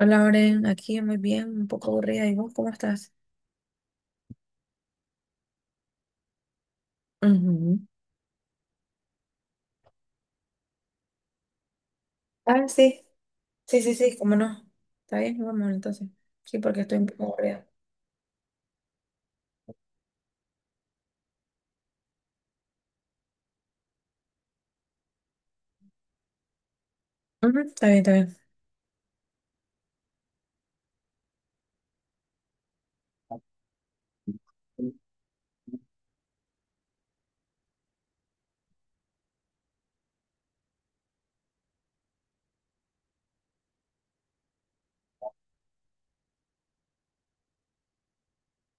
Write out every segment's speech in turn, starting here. Hola, Oren, aquí muy bien, un poco aburrida. ¿Y vos cómo estás? Ujú. Ah, sí, sí, sí, sí, cómo no. Está bien, vamos entonces. Sí, porque estoy un poco aburrida. Ujú, está bien, está bien.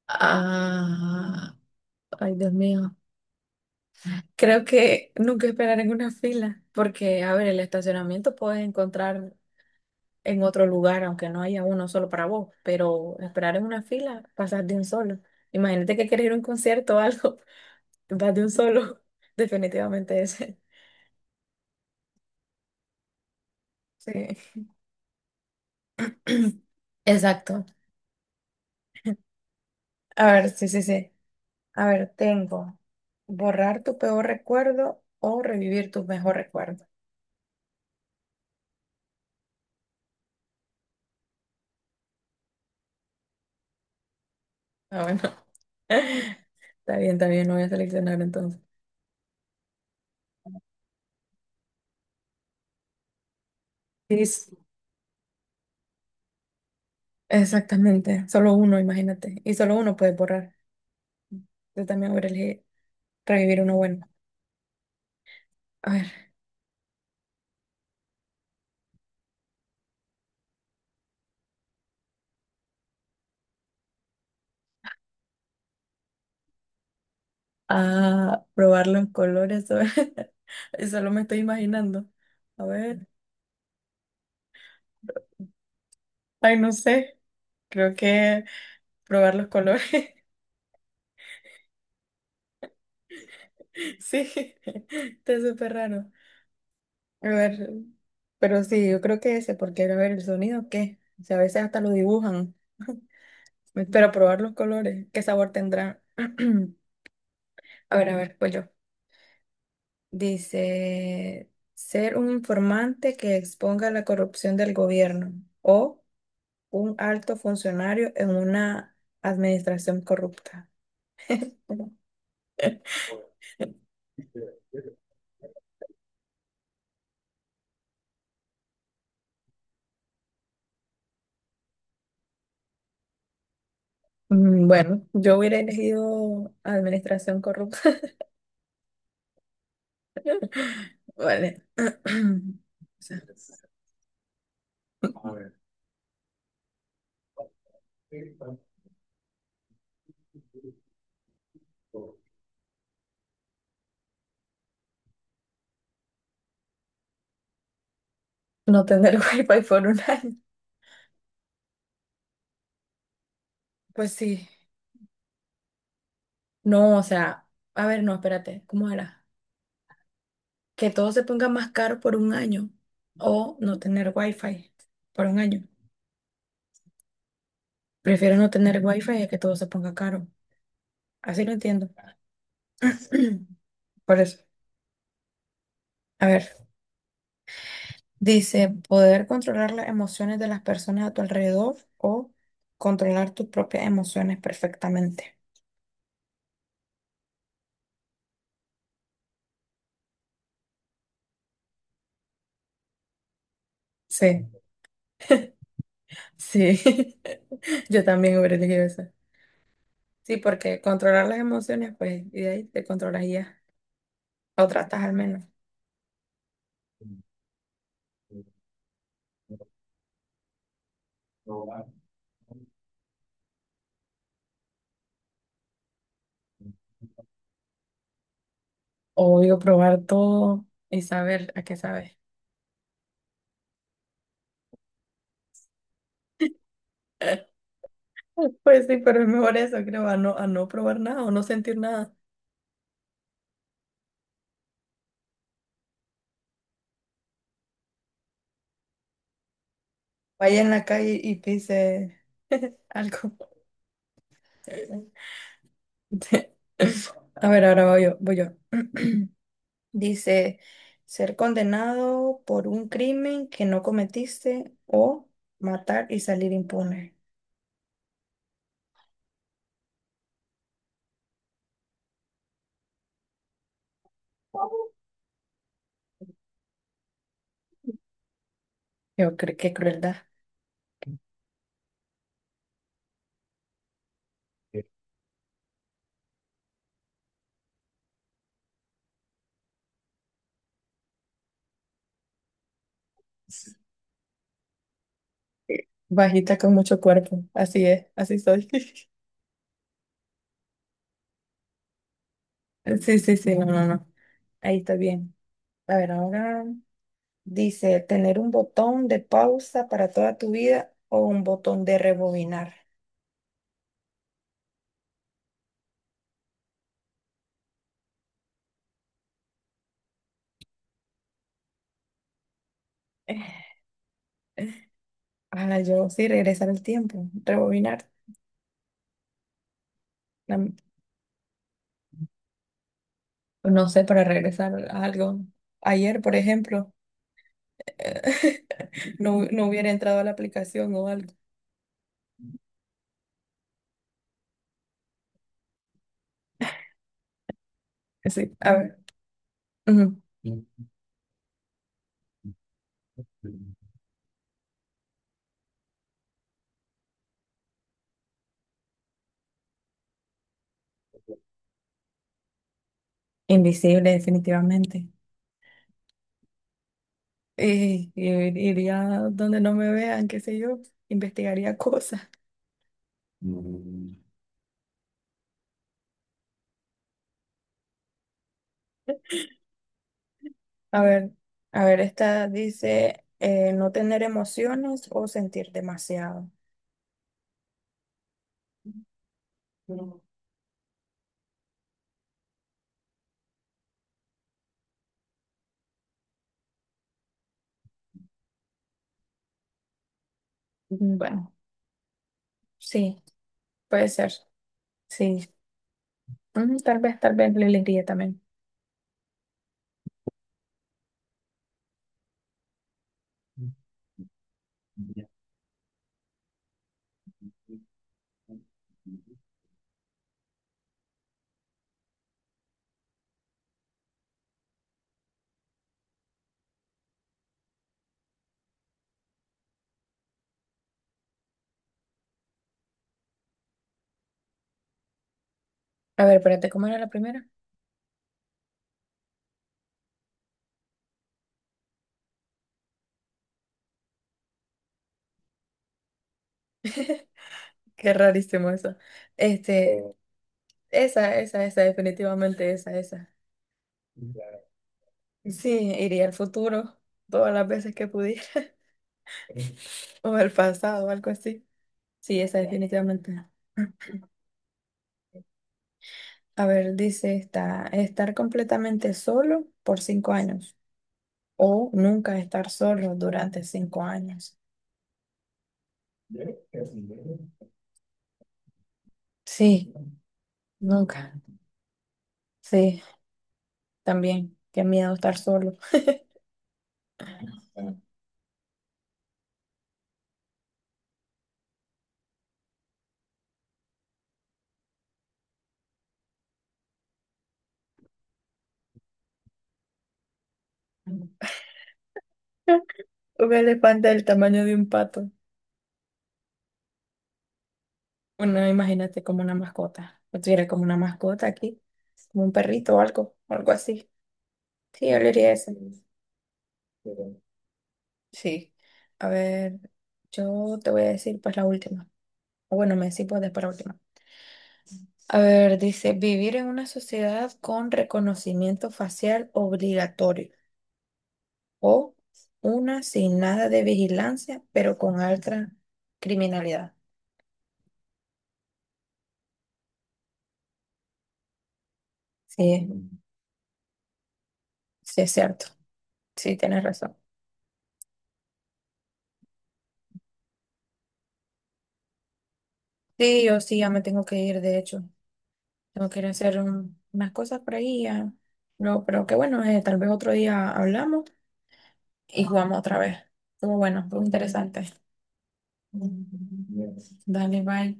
Ah, ay, Dios mío. Creo que nunca esperar en una fila, porque, a ver, el estacionamiento puedes encontrar en otro lugar, aunque no haya uno solo para vos, pero esperar en una fila, pasas de un solo. Imagínate que quieres ir a un concierto o algo, vas de un solo, definitivamente ese. Sí. Exacto. A ver, sí, sí, sí. A ver, tengo borrar tu peor recuerdo o revivir tu mejor recuerdo. Ah, bueno. Está bien, lo voy a seleccionar entonces. Sí, exactamente. Solo uno, imagínate. Y solo uno puede borrar. Yo también voy a elegir revivir uno bueno. A ver. Ah, probar los colores. Solo me estoy imaginando. A ver. Ay, no sé. Creo que probar los colores. Sí, está súper raro. A ver, pero sí, yo creo que ese, porque a ver, el sonido, ¿qué? O sea, a veces hasta lo dibujan. Pero probar los colores, ¿qué sabor tendrá? A ver, pues yo. Dice, ser un informante que exponga la corrupción del gobierno o un alto funcionario en una administración corrupta. Bueno, yo hubiera elegido administración corrupta. Vale. O sea, no tener wifi por un año. Pues sí. No, o sea, a ver, no, espérate, ¿cómo era? Que todo se ponga más caro por un año o no tener wifi por un año. Prefiero no tener wifi a que todo se ponga caro. Así lo entiendo. Por eso. A ver, dice, poder controlar las emociones de las personas a tu alrededor o controlar tus propias emociones perfectamente. Sí, sí. Yo también hubiera elegido eso. Sí, porque controlar las emociones, pues, y de ahí te controlarías, o tratas al menos. Obvio, probar todo y saber a qué sabe. Pues sí, pero es mejor eso, creo, a no probar nada o no sentir nada. Vaya en la calle y pise algo. A ver, ahora voy yo, voy yo. Dice, ser condenado por un crimen que no cometiste o matar y salir impune. Yo creo que crueldad. Bajita con mucho cuerpo. Así es, así soy. Sí, sí, sí, no, no, no. Ahí está bien. A ver, ahora dice, tener un botón de pausa para toda tu vida o un botón de rebobinar. Ah, yo sí, regresar el tiempo, rebobinar. No, no sé, para regresar a algo. Ayer, por ejemplo, no, no hubiera entrado a la aplicación o algo. Sí, a ver. Ujú. Invisible, definitivamente. Iría donde no me vean, qué sé yo, investigaría cosas. A ver, a ver, esta dice no tener emociones o sentir demasiado. Mm. Bueno, sí, puede ser, sí. Tal vez le elegiría también. A ver, espérate, ¿cómo era la primera? Qué rarísimo eso. Este, esa, definitivamente esa, esa. Sí, iría al futuro todas las veces que pudiera, o al pasado, o algo así. Sí, esa definitivamente. A ver, dice esta, estar completamente solo por 5 años o nunca estar solo durante 5 años. Sí, nunca. Sí, también. Qué miedo estar solo. Un elefante del tamaño de un pato. Bueno, imagínate como una mascota. Yo tuviera como una mascota aquí, como un perrito o algo, algo así. Sí, yo le diría eso. Sí. A ver, yo te voy a decir pues la última. O bueno, me decís vos después la última. A ver, dice, vivir en una sociedad con reconocimiento facial obligatorio o una sin nada de vigilancia, pero con alta criminalidad. Sí, sí es cierto. Sí, tienes razón. Sí, yo sí, ya me tengo que ir, de hecho. Tengo que ir a hacer unas cosas por ahí ya. No, pero que bueno, tal vez otro día hablamos y jugamos otra vez. Estuvo bueno, fue interesante. Dale, bye.